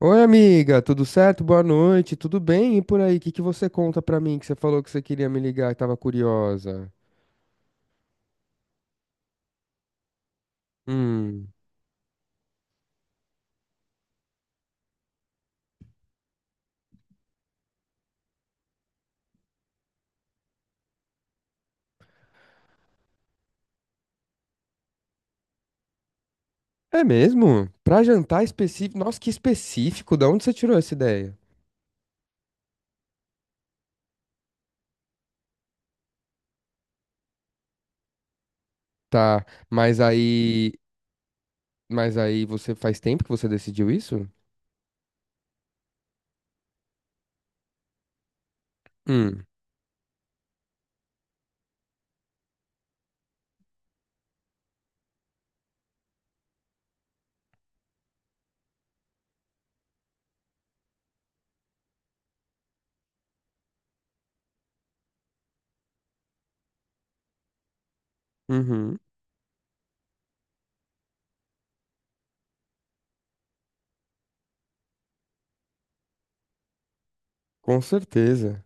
Oi, amiga, tudo certo? Boa noite, tudo bem? E por aí, o que que você conta pra mim que você falou que você queria me ligar e tava curiosa? Hum, é mesmo? Pra jantar específico? Nossa, que específico, da onde você tirou essa ideia? Tá, mas aí você faz tempo que você decidiu isso? Hum. Uhum. Com certeza.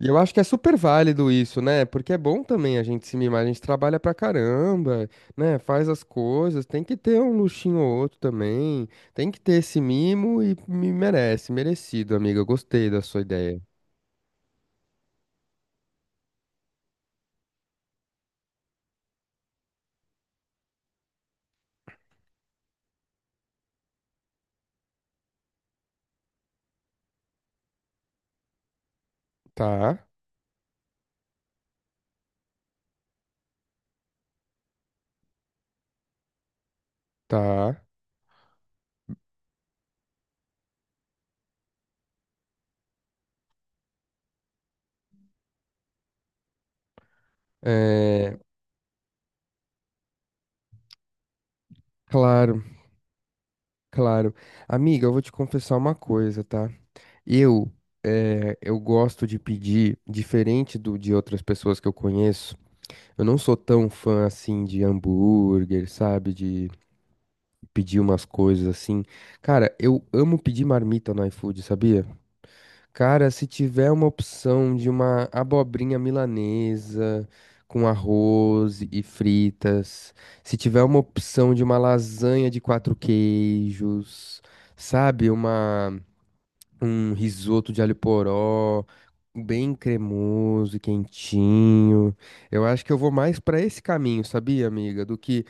E eu acho que é super válido isso, né? Porque é bom também a gente se mimar, a gente trabalha pra caramba, né? Faz as coisas, tem que ter um luxinho ou outro também, tem que ter esse mimo e me merece, merecido, amiga. Eu gostei da sua ideia. Tá, tá. É, claro, claro. Amiga, eu vou te confessar uma coisa, tá? Eu, eu gosto de pedir, diferente do de outras pessoas que eu conheço, eu não sou tão fã assim de hambúrguer, sabe? De pedir umas coisas assim. Cara, eu amo pedir marmita no iFood, sabia? Cara, se tiver uma opção de uma abobrinha milanesa com arroz e fritas, se tiver uma opção de uma lasanha de quatro queijos, sabe? Uma, um risoto de alho poró. Bem cremoso e quentinho. Eu acho que eu vou mais pra esse caminho, sabia, amiga? Do que.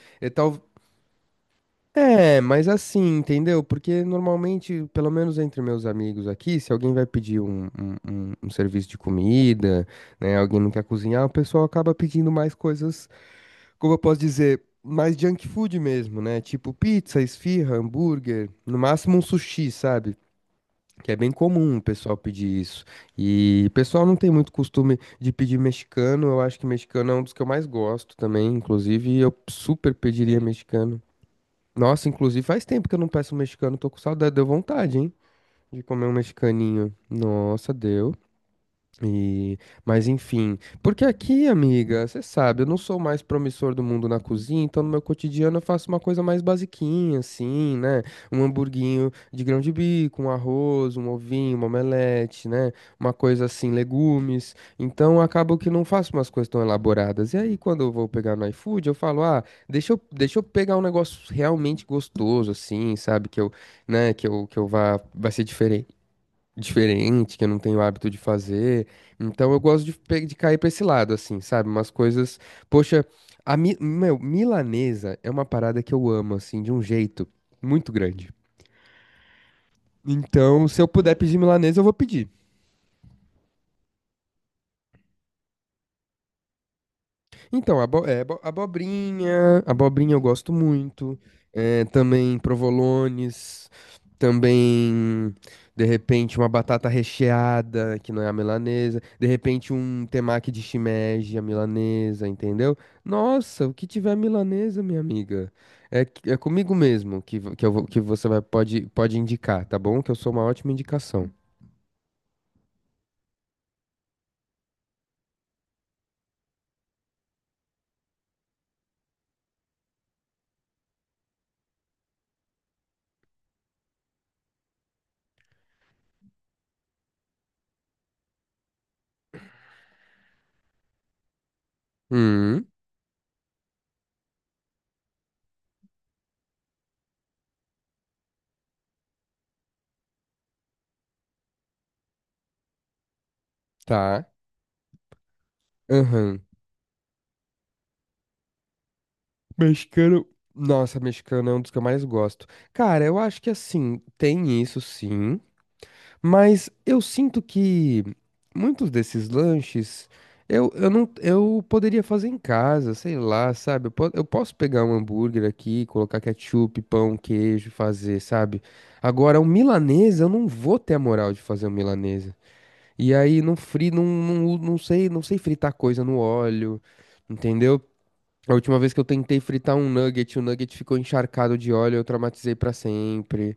É, mas assim, entendeu? Porque normalmente, pelo menos entre meus amigos aqui, se alguém vai pedir um serviço de comida, né? Alguém não quer cozinhar, o pessoal acaba pedindo mais coisas, como eu posso dizer, mais junk food mesmo, né? Tipo pizza, esfirra, hambúrguer, no máximo um sushi, sabe? Que é bem comum o pessoal pedir isso. E o pessoal não tem muito costume de pedir mexicano. Eu acho que mexicano é um dos que eu mais gosto também. Inclusive, eu super pediria mexicano. Nossa, inclusive faz tempo que eu não peço um mexicano, tô com saudade, deu vontade, hein? De comer um mexicaninho. Nossa, deu. E, mas enfim, porque aqui, amiga, você sabe, eu não sou o mais promissor do mundo na cozinha, então no meu cotidiano eu faço uma coisa mais basiquinha, assim, né? Um hamburguinho de grão de bico, um arroz, um ovinho, uma omelete, né? Uma coisa assim, legumes. Então acabo que não faço umas coisas tão elaboradas. E aí, quando eu vou pegar no iFood, eu falo, ah, deixa eu pegar um negócio realmente gostoso, assim, sabe? Que eu, né, que eu vá, vai ser diferente, que eu não tenho hábito de fazer. Então eu gosto de, de cair pra esse lado, assim, sabe? Umas coisas. Poxa, milanesa é uma parada que eu amo, assim, de um jeito muito grande. Então, se eu puder pedir milanesa, eu vou pedir. Então, abobrinha eu gosto muito. É, também provolones, também, de repente, uma batata recheada, que não é a milanesa. De repente, um temaki de shimeji, a milanesa, entendeu? Nossa, o que tiver milanesa, minha amiga, é comigo mesmo que, você vai, pode, pode indicar, tá bom? Que eu sou uma ótima indicação. Hum. Tá. Aham. Mexicano. Nossa, mexicano é um dos que eu mais gosto. Cara, eu acho que assim, tem isso sim, mas eu sinto que muitos desses lanches eu não eu poderia fazer em casa, sei lá, sabe? Eu posso pegar um hambúrguer aqui, colocar ketchup, pão, queijo, fazer, sabe? Agora, um milanesa, eu não vou ter a moral de fazer um milanesa. E aí, não sei, não sei fritar coisa no óleo, entendeu? A última vez que eu tentei fritar um nugget, o nugget ficou encharcado de óleo, eu traumatizei pra sempre.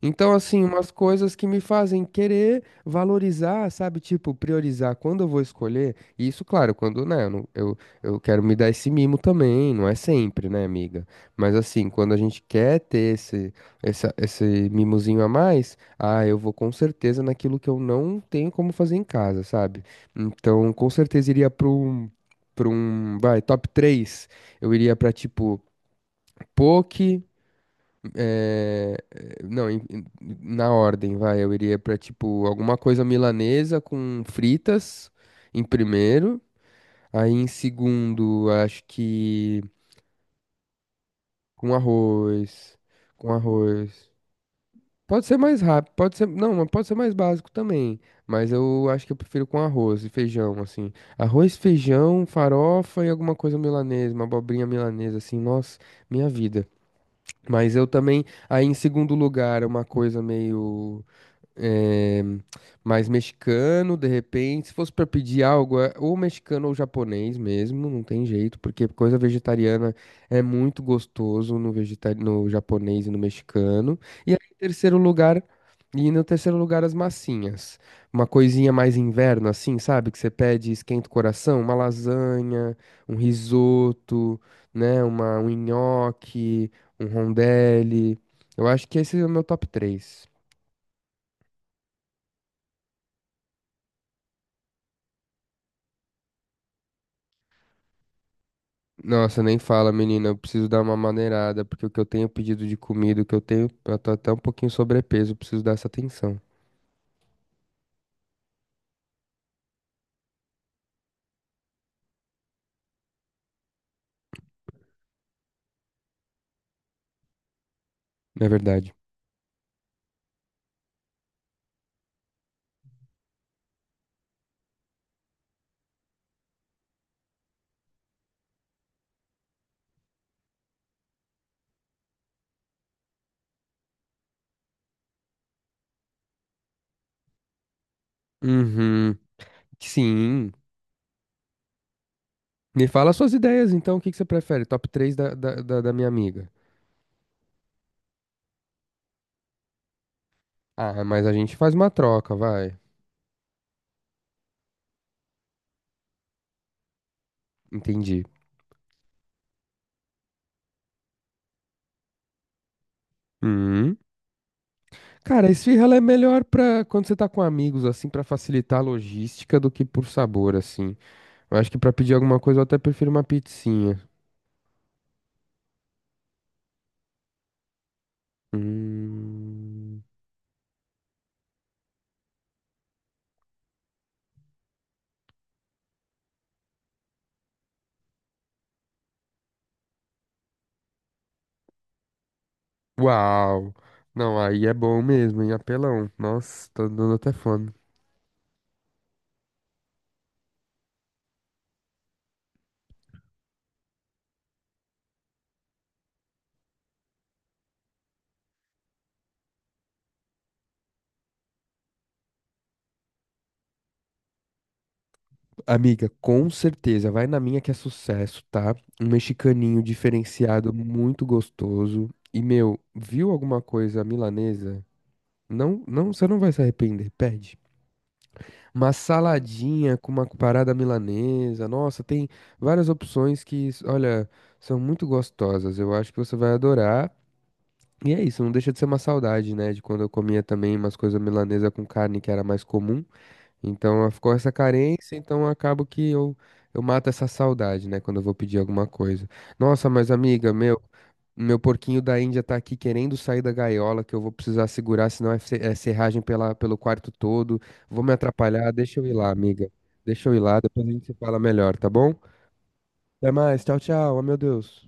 Então, assim, umas coisas que me fazem querer valorizar, sabe? Tipo, priorizar quando eu vou escolher. E isso, claro, quando, né, eu, não- eu quero me dar esse mimo também, não é sempre, né, amiga? Mas, assim, quando a gente quer ter esse mimozinho a mais, ah, eu vou com certeza naquilo que eu não tenho como fazer em casa, sabe? Então, com certeza iria para um, vai, top três. Eu iria para tipo, poke. É, não, em- em- na ordem, vai. Eu iria pra, tipo, alguma coisa milanesa com fritas em primeiro. Aí em segundo, acho que com arroz. Com arroz. Pode ser mais rápido, pode ser. Não, mas pode ser mais básico também. Mas eu acho que eu prefiro com arroz e feijão, assim. Arroz, feijão, farofa e alguma coisa milanesa, uma abobrinha milanesa, assim. Nossa, minha vida. Mas eu também. Aí em segundo lugar, uma coisa meio. É, mas mexicano, de repente, se fosse para pedir algo, é ou mexicano ou japonês mesmo, não tem jeito, porque coisa vegetariana é muito gostoso no no japonês e no mexicano. E aí, em terceiro lugar, as massinhas. Uma coisinha mais inverno, assim, sabe? Que você pede, e esquenta o coração, uma lasanha, um risoto, né? Uma, um nhoque, um rondelli. Eu acho que esse é o meu top 3. Nossa, nem fala, menina. Eu preciso dar uma maneirada, porque o que eu tenho pedido de comida, o que eu tenho, eu tô até um pouquinho sobrepeso, eu preciso dar essa atenção, na verdade. Uhum. Sim. Me fala suas ideias, então, o que que você prefere? Top 3 da minha amiga. Ah, mas a gente faz uma troca, vai. Entendi. Hum. Cara, a esfirra ela é melhor pra quando você tá com amigos, assim, pra facilitar a logística do que por sabor, assim. Eu acho que pra pedir alguma coisa eu até prefiro uma pizzinha. Hum. Uau! Não, aí é bom mesmo, hein? Apelão. Nossa, tá dando até fome. Amiga, com certeza, vai na minha que é sucesso, tá? Um mexicaninho diferenciado, muito gostoso. E, meu, viu alguma coisa milanesa? Não, não, você não vai se arrepender, pede. Uma saladinha com uma parada milanesa. Nossa, tem várias opções que, olha, são muito gostosas. Eu acho que você vai adorar. E é isso, não deixa de ser uma saudade, né? De quando eu comia também umas coisas milanesa com carne que era mais comum. Então ficou essa carência, então acabo que eu mato essa saudade, né? Quando eu vou pedir alguma coisa. Nossa, mas amiga, meu porquinho da Índia tá aqui querendo sair da gaiola, que eu vou precisar segurar, senão é serragem pelo quarto todo. Vou me atrapalhar, deixa eu ir lá, amiga. Deixa eu ir lá, depois a gente se fala melhor, tá bom? Até mais, tchau, tchau. Ah, meu Deus.